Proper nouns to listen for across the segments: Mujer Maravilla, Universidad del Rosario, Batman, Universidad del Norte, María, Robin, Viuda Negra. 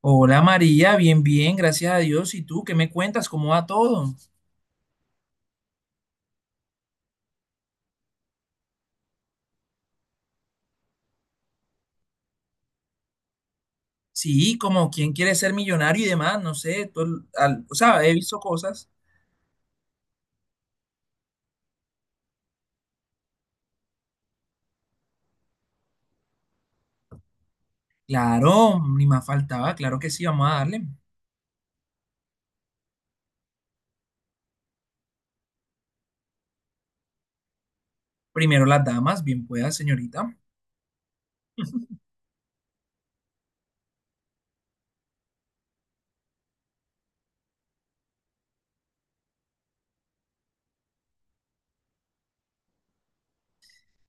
Hola María, bien, bien, gracias a Dios. ¿Y tú qué me cuentas? ¿Cómo va todo? Sí, como quién quiere ser millonario y demás, no sé. O sea, he visto cosas. Claro, ni más faltaba, claro que sí, vamos a darle. Primero las damas, bien pueda, señorita.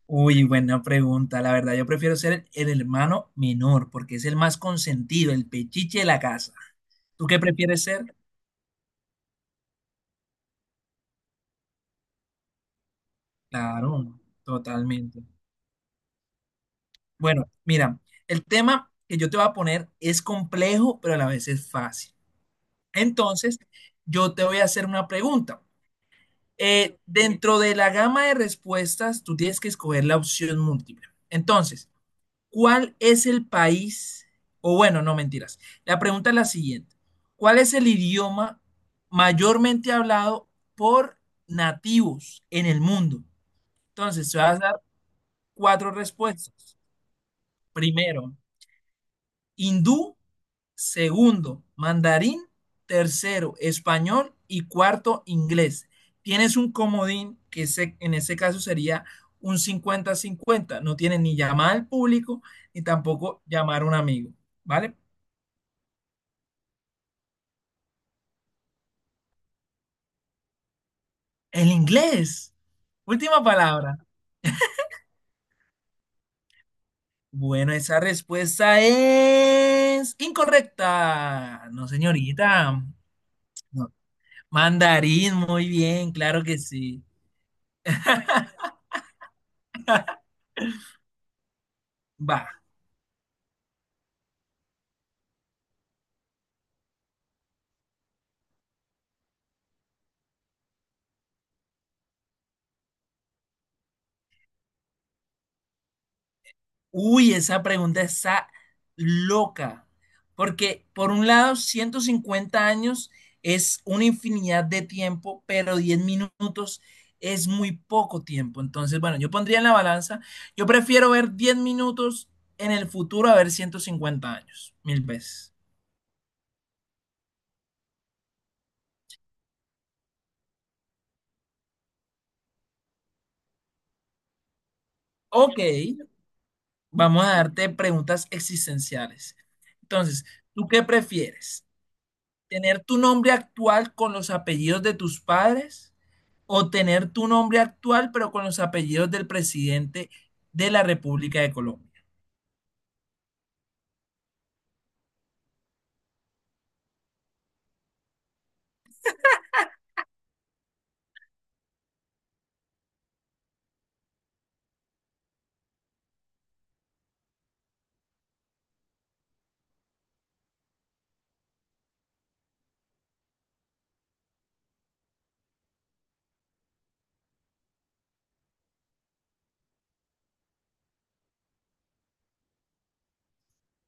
Uy, buena pregunta. La verdad, yo prefiero ser el hermano menor porque es el más consentido, el pechiche de la casa. ¿Tú qué prefieres ser? Claro, totalmente. Bueno, mira, el tema que yo te voy a poner es complejo, pero a la vez es fácil. Entonces, yo te voy a hacer una pregunta. Dentro de la gama de respuestas, tú tienes que escoger la opción múltiple. Entonces, ¿cuál es el país? O bueno, no mentiras. La pregunta es la siguiente. ¿Cuál es el idioma mayormente hablado por nativos en el mundo? Entonces, te vas a dar cuatro respuestas. Primero, hindú. Segundo, mandarín. Tercero, español. Y cuarto, inglés. Tienes un comodín que en ese caso sería un 50-50. No tienes ni llamar al público ni tampoco llamar a un amigo. ¿Vale? El inglés. Última palabra. Bueno, esa respuesta es incorrecta. No, señorita. No. Mandarín, muy bien, claro que sí. Va. Uy, esa pregunta está loca, porque por un lado, 150 años es una infinidad de tiempo, pero 10 minutos es muy poco tiempo. Entonces, bueno, yo pondría en la balanza, yo prefiero ver 10 minutos en el futuro a ver 150 años, mil veces. Ok, vamos a darte preguntas existenciales. Entonces, ¿tú qué prefieres? ¿Tener tu nombre actual con los apellidos de tus padres, o tener tu nombre actual pero con los apellidos del presidente de la República de Colombia?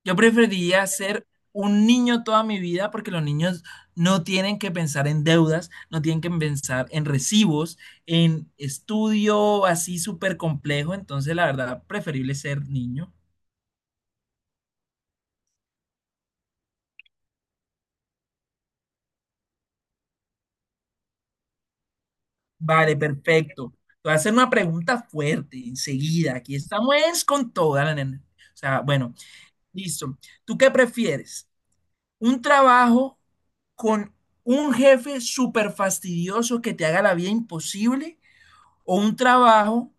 Yo preferiría ser un niño toda mi vida porque los niños no tienen que pensar en deudas, no tienen que pensar en recibos, en estudio así súper complejo, entonces la verdad preferible ser niño. Vale, perfecto. Te voy a hacer una pregunta fuerte enseguida. Aquí estamos es con toda la nena. O sea, bueno, listo. ¿Tú qué prefieres? ¿Un trabajo con un jefe súper fastidioso que te haga la vida imposible, o un trabajo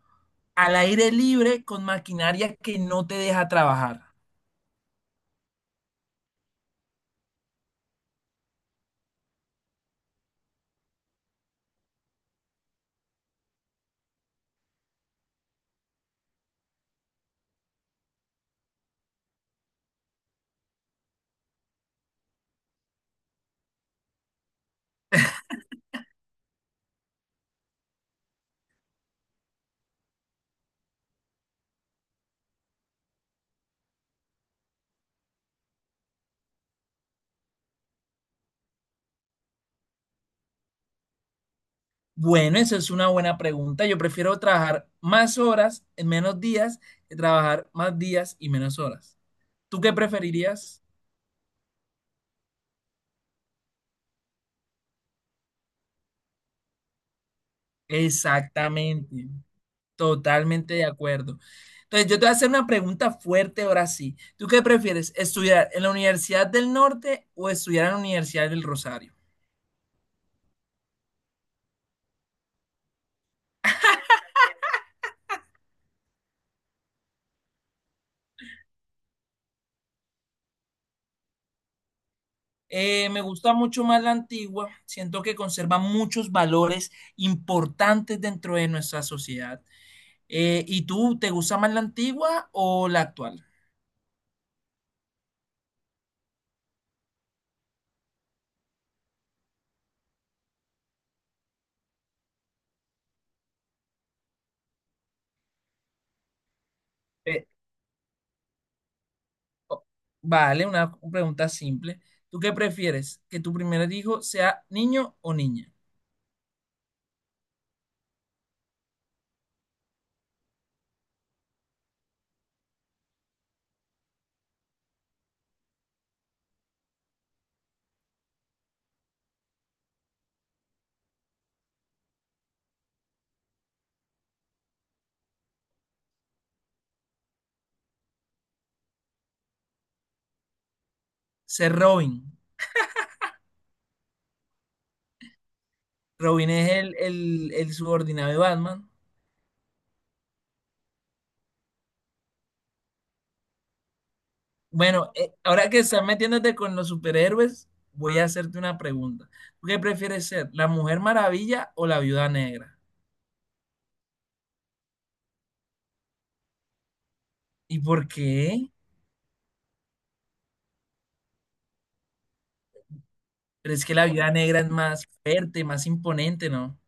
al aire libre con maquinaria que no te deja trabajar? Bueno, esa es una buena pregunta. Yo prefiero trabajar más horas en menos días que trabajar más días y menos horas. ¿Tú qué preferirías? Exactamente. Totalmente de acuerdo. Entonces, yo te voy a hacer una pregunta fuerte ahora sí. ¿Tú qué prefieres? ¿Estudiar en la Universidad del Norte o estudiar en la Universidad del Rosario? Me gusta mucho más la antigua. Siento que conserva muchos valores importantes dentro de nuestra sociedad. ¿Y tú, te gusta más la antigua o la actual? Eh, o- vale, una pregunta simple. ¿Tú qué prefieres? ¿Que tu primer hijo sea niño o niña? Ser Robin. Robin es el subordinado de Batman. Bueno, ahora que estás metiéndote con los superhéroes, voy a hacerte una pregunta. ¿Tú qué prefieres ser, la Mujer Maravilla o la Viuda Negra? ¿Y por qué? Pero es que la Viuda Negra es más fuerte, más imponente, ¿no?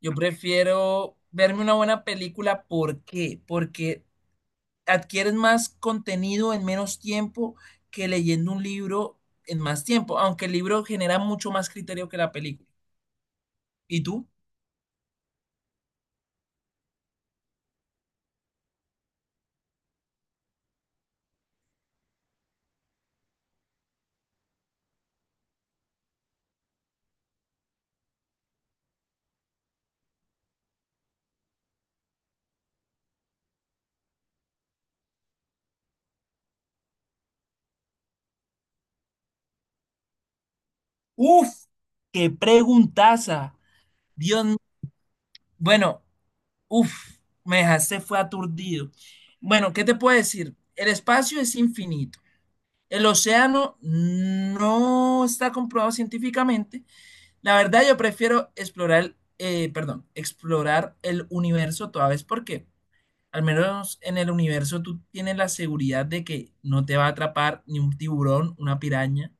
Yo prefiero verme una buena película. ¿Por qué? Porque adquieres más contenido en menos tiempo que leyendo un libro en más tiempo, aunque el libro genera mucho más criterio que la película. ¿Y tú? Uf, qué preguntaza. Dios, bueno, uf, me dejaste, fue aturdido. Bueno, ¿qué te puedo decir? El espacio es infinito. El océano no está comprobado científicamente. La verdad, yo prefiero explorar, perdón, explorar el universo toda vez porque al menos en el universo tú tienes la seguridad de que no te va a atrapar ni un tiburón, una piraña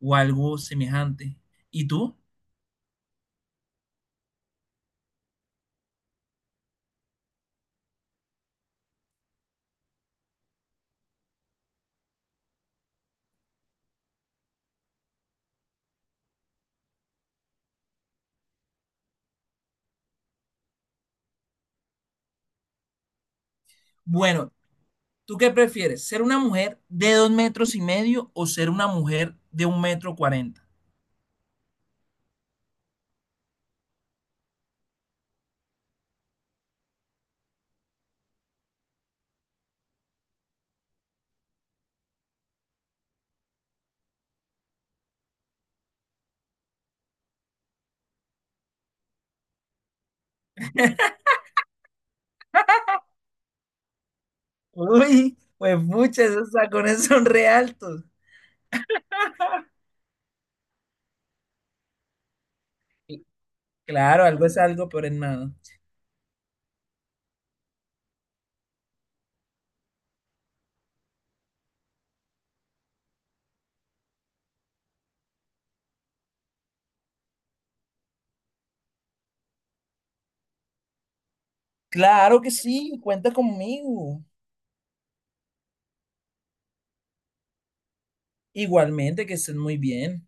o algo semejante. ¿Y tú? Bueno, ¿tú qué prefieres? ¿Ser una mujer de 2,5 metros o ser una mujer de 1,40 metros? Uy, pues muchas, esos tacones son re altos. Claro, algo es algo, pero es nada. Claro que sí, cuenta conmigo. Igualmente, que estén muy bien.